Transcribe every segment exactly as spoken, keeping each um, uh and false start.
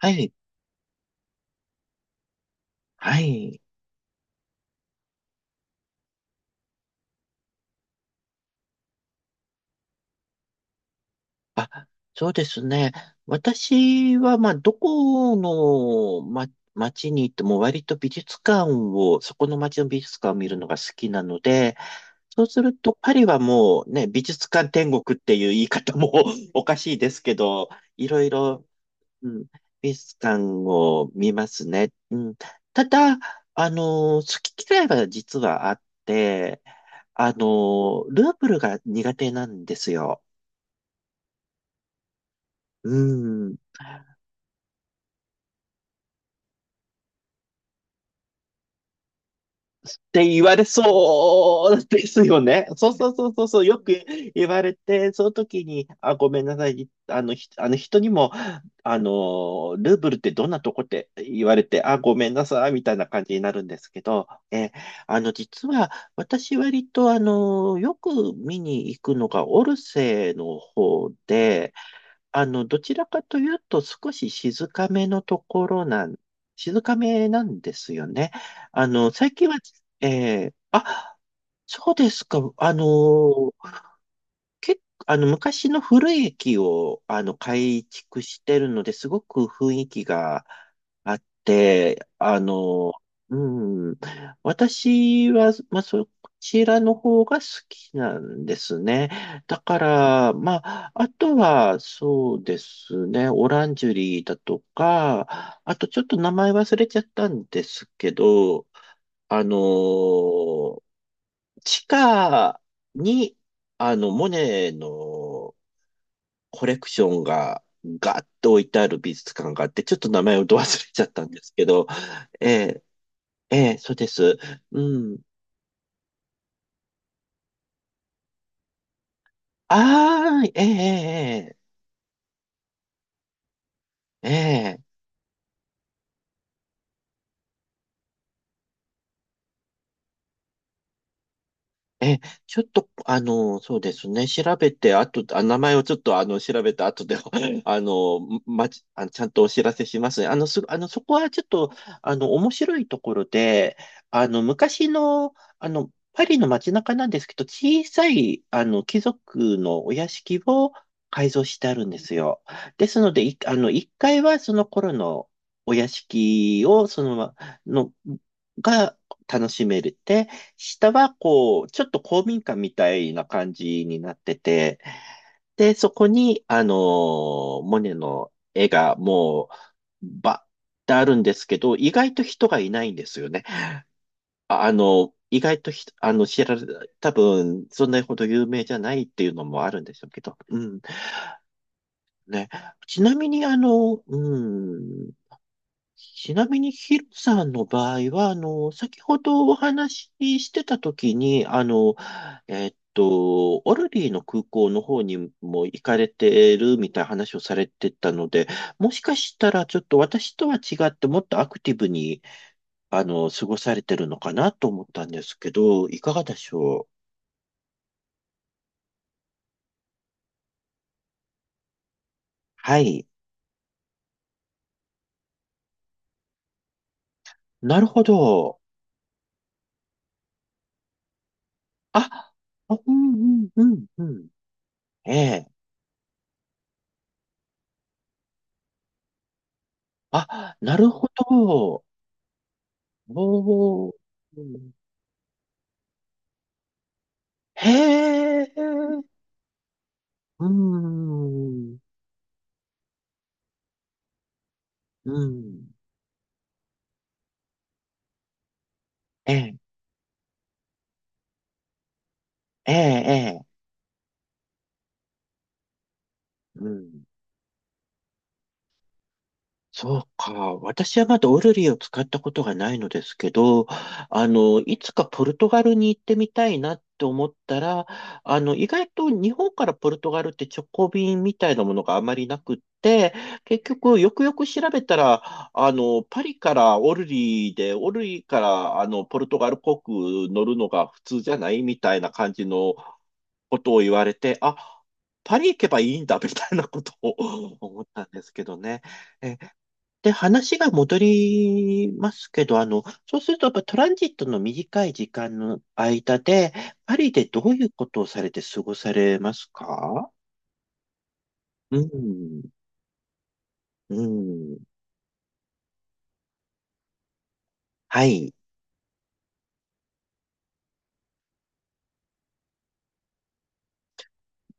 はい、はい。あ、そうですね。私は、まあ、どこの、ま、町に行っても割と美術館を、そこの町の美術館を見るのが好きなので、そうするとパリはもうね、美術館天国っていう言い方も おかしいですけど、いろいろ、うん、美術館を見ますね。うん、ただ、あの、好き嫌いは実はあって、あの、ルーブルが苦手なんですよ。うん。って言われそうですよね。そうそうそうそうそう、よく言われて、その時に、あ、ごめんなさい、あの、ひあの人にも、あの、ルーブルってどんなとこって言われて、あ、ごめんなさい、みたいな感じになるんですけど、え、あの、実は、私割と、あの、よく見に行くのがオルセーの方で、あの、どちらかというと少し静かめのところなん、静かめなんですよね。あの、最近は、えー、あ、そうですか。あの、結構、あの、昔の古い駅を、あの、改築してるので、すごく雰囲気があって、あの、うん、私は、まあ、そちらの方が好きなんですね。だから、まあ、あとは、そうですね、オランジュリーだとか、あとちょっと名前忘れちゃったんですけど、あの、地下に、あの、モネのコレクションがガッと置いてある美術館があって、ちょっと名前をど忘れちゃったんですけど、ええ、ええ、そうです。うん。ああ、ええ、ええ、ええ。え、ちょっと、あの、そうですね、調べて、あと、あ、名前をちょっと、あの、調べた後で、あの、ままち、あの、ちゃんとお知らせしますね。あの、す、あの、そこはちょっと、あの、面白いところで、あの、昔の、あの、パリの街中なんですけど、小さい、あの、貴族のお屋敷を改造してあるんですよ。ですので、い、あの、いっかいはその頃のお屋敷を、そのま、の、が楽しめる下はこう、ちょっと公民館みたいな感じになってて、で、そこに、あのー、モネの絵がもう、ばってあるんですけど、意外と人がいないんですよね。ああの、意外とひ、あの、知られ、多分、そんなほど有名じゃないっていうのもあるんでしょうけど、うん。ね。ちなみに、あの、うん、ちなみにヒロさんの場合は、あの、先ほどお話ししてた時に、あの、えっと、オルリーの空港の方にも行かれてるみたいな話をされてたので、もしかしたらちょっと私とは違ってもっとアクティブに、あの、過ごされてるのかなと思ったんですけど、いかがでしょう。はい。なるほど。あ、あうんうんうんうん。ええ。あ、なるほど。おー。へえ、うん、うん、ええ、ええ、ええ、うん。そうか。私はまだオルリーを使ったことがないのですけど、あの、いつかポルトガルに行ってみたいなって思ったら、あの、意外と日本からポルトガルって直行便みたいなものがあまりなくって、結局、よくよく調べたら、あの、パリからオルリーで、オルリーから、あの、ポルトガル航空乗るのが普通じゃないみたいな感じの、ことを言われて、あ、パリ行けばいいんだ、みたいなことを 思ったんですけどね。え、で、話が戻りますけど、あの、そうすると、やっぱトランジットの短い時間の間で、パリでどういうことをされて過ごされますか？うん、うん、はい。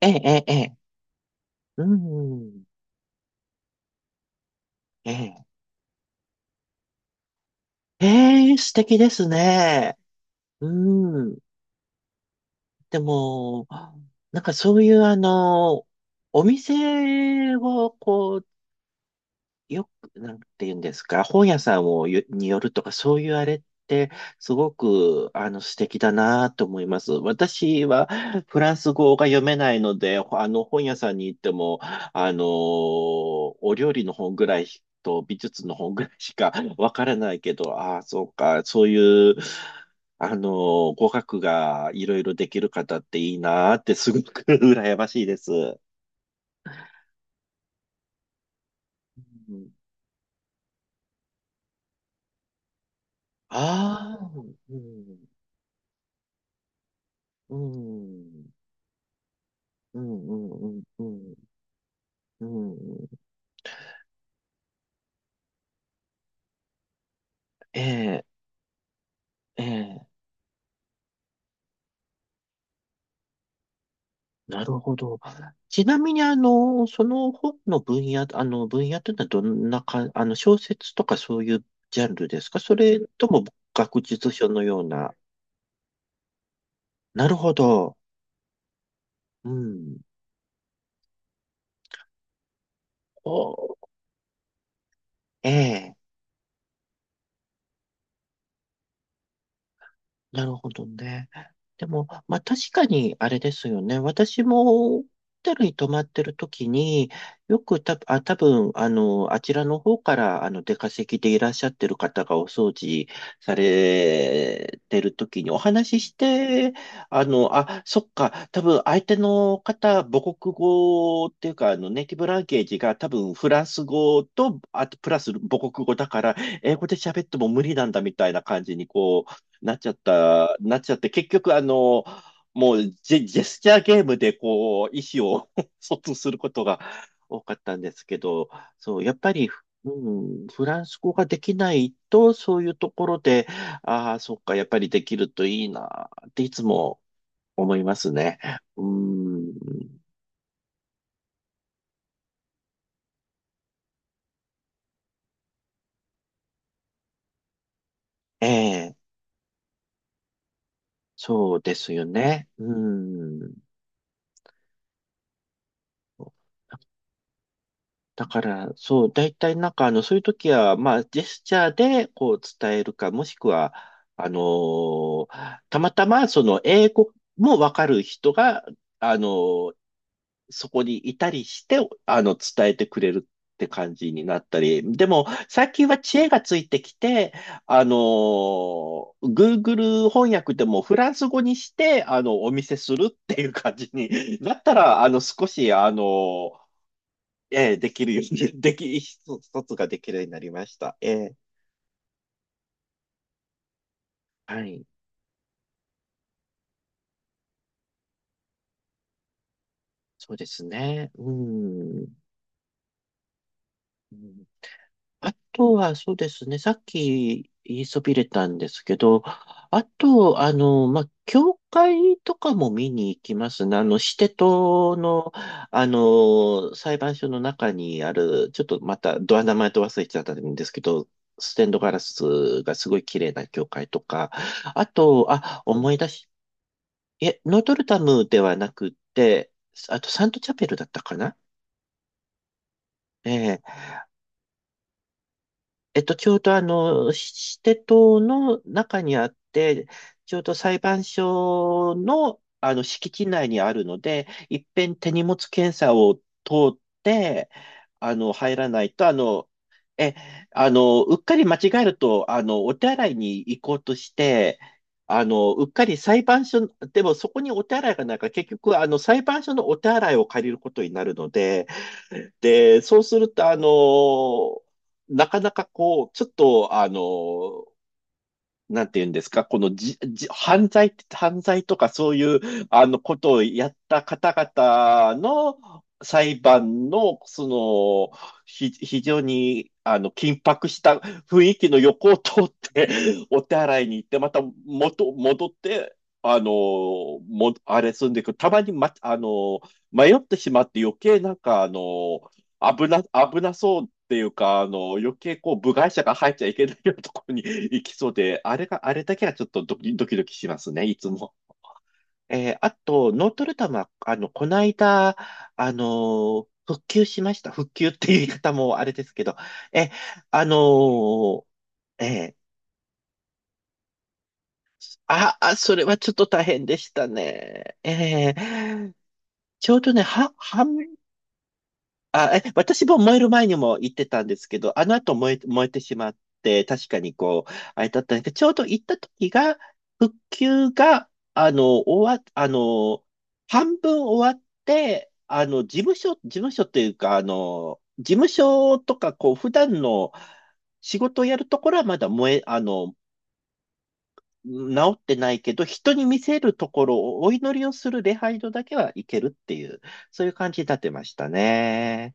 ええ、ええ、ええ、うん、ええ、ええ、素敵ですね。うん。でも、なんかそういうあの、お店をこう、よく、なんて言うんですか、本屋さんをよによるとか、そういうあれって、すごく、あの、素敵だなと思います。私は、フランス語が読めないので、ほあの、本屋さんに行っても、あのーお料理の本ぐらいと、美術の本ぐらいしかわからないけど、ああ、そうか、そういう、あのー語学がいろいろできる方っていいなって、すごく 羨ましいです。うん。ああ、うん、うん、うん、うん、うん、うん、うん、ええ、ええ、なるほど。ちなみに、あの、その本の分野、あの、分野というのはどんなか、あの、小説とかそういうジャンルですか、それとも学術書のような。なるほど。うん。お、ええ、なるほどね。でも、まあ確かにあれですよね。私もホテルに泊まってる時に、よくた、あ、多分、あの、あちらの方から、あの、出稼ぎでいらっしゃってる方がお掃除されてる時にお話しして、あの、あ、そっか、多分相手の方、母国語っていうか、あの、ネイティブランゲージが多分フランス語と、あとプラス母国語だから、英語で喋っても無理なんだみたいな感じに、こう、なっちゃった、なっちゃって、結局、あの、もうジェ、ジェスチャーゲームで、こう、意思を 疎通することが多かったんですけど、そう、やっぱり、うん、フランス語ができないと、そういうところで、ああ、そっか、やっぱりできるといいな、っていつも思いますね。うん、ええ、そうですよね。うん。だから、そう、大体なんか、あの、そういう時は、まあ、ジェスチャーで、こう、伝えるか、もしくは、あのーたまたま、その、英語もわかる人が、あのーそこにいたりして、あの、伝えてくれるって感じになったり、でも、最近は知恵がついてきて、あのー Google 翻訳でもフランス語にして、あの、お見せするっていう感じになったら、あの、少し、あのーええ、できるように、でき、一つ一つができるようになりました。ええ、はい。そうですね。うん。うん。あとは、そうですね。さっき言いそびれたんですけど、あと、あの、まあ、教会とかも見に行きますね。あの、シテ島の、あの、裁判所の中にある、ちょっとまた、ドア名前と忘れちゃったんですけど、ステンドガラスがすごい綺麗な教会とか、あと、あ、思い出し、え、ノートルダムではなくって、あとサントチャペルだったかな。ええっと、ちょうどあの、シテ島の中にあって、ちょうど裁判所の、あの敷地内にあるので、一遍手荷物検査を通って、あの、入らないと、あの、え、あの、うっかり間違えると、あの、お手洗いに行こうとして、あの、うっかり裁判所、でもそこにお手洗いがないから、結局、あの、裁判所のお手洗いを借りることになるので、で、そうすると、あの、なかなかこう、ちょっと、あの、なんて言うんですか、このじ、じ、犯罪、犯罪とかそういう、あの、ことをやった方々の裁判の、その、ひ、非常に、あの、緊迫した雰囲気の横を通って、お手洗いに行って、また元、戻って、あの、も、あれするんでくる、たまに、ま、あの、迷ってしまって余計なんか、あの、危な、危なそうっていうか、あの、余計こう、部外者が入っちゃいけないようなところに 行きそうで、あれが、あれだけはちょっとドキドキドキしますね、いつも。えーあと、ノートルダムは、あの、この間、あの、復旧しました。復旧っていう言い方もあれですけど、え、あのえーあ、あ、それはちょっと大変でしたね。えーちょうどね、は、半、あ、え、私も燃える前にも言ってたんですけど、あの後燃え、燃えてしまって、確かにこう、あれだったんですけど、ちょうど行った時が、復旧が、あの、終わ、あの、半分終わって、あの、事務所、事務所っていうか、あの、事務所とか、こう、普段の仕事をやるところはまだ燃え、あの、治ってないけど、人に見せるところをお祈りをする礼拝堂だけは行けるっていう、そういう感じになってましたね。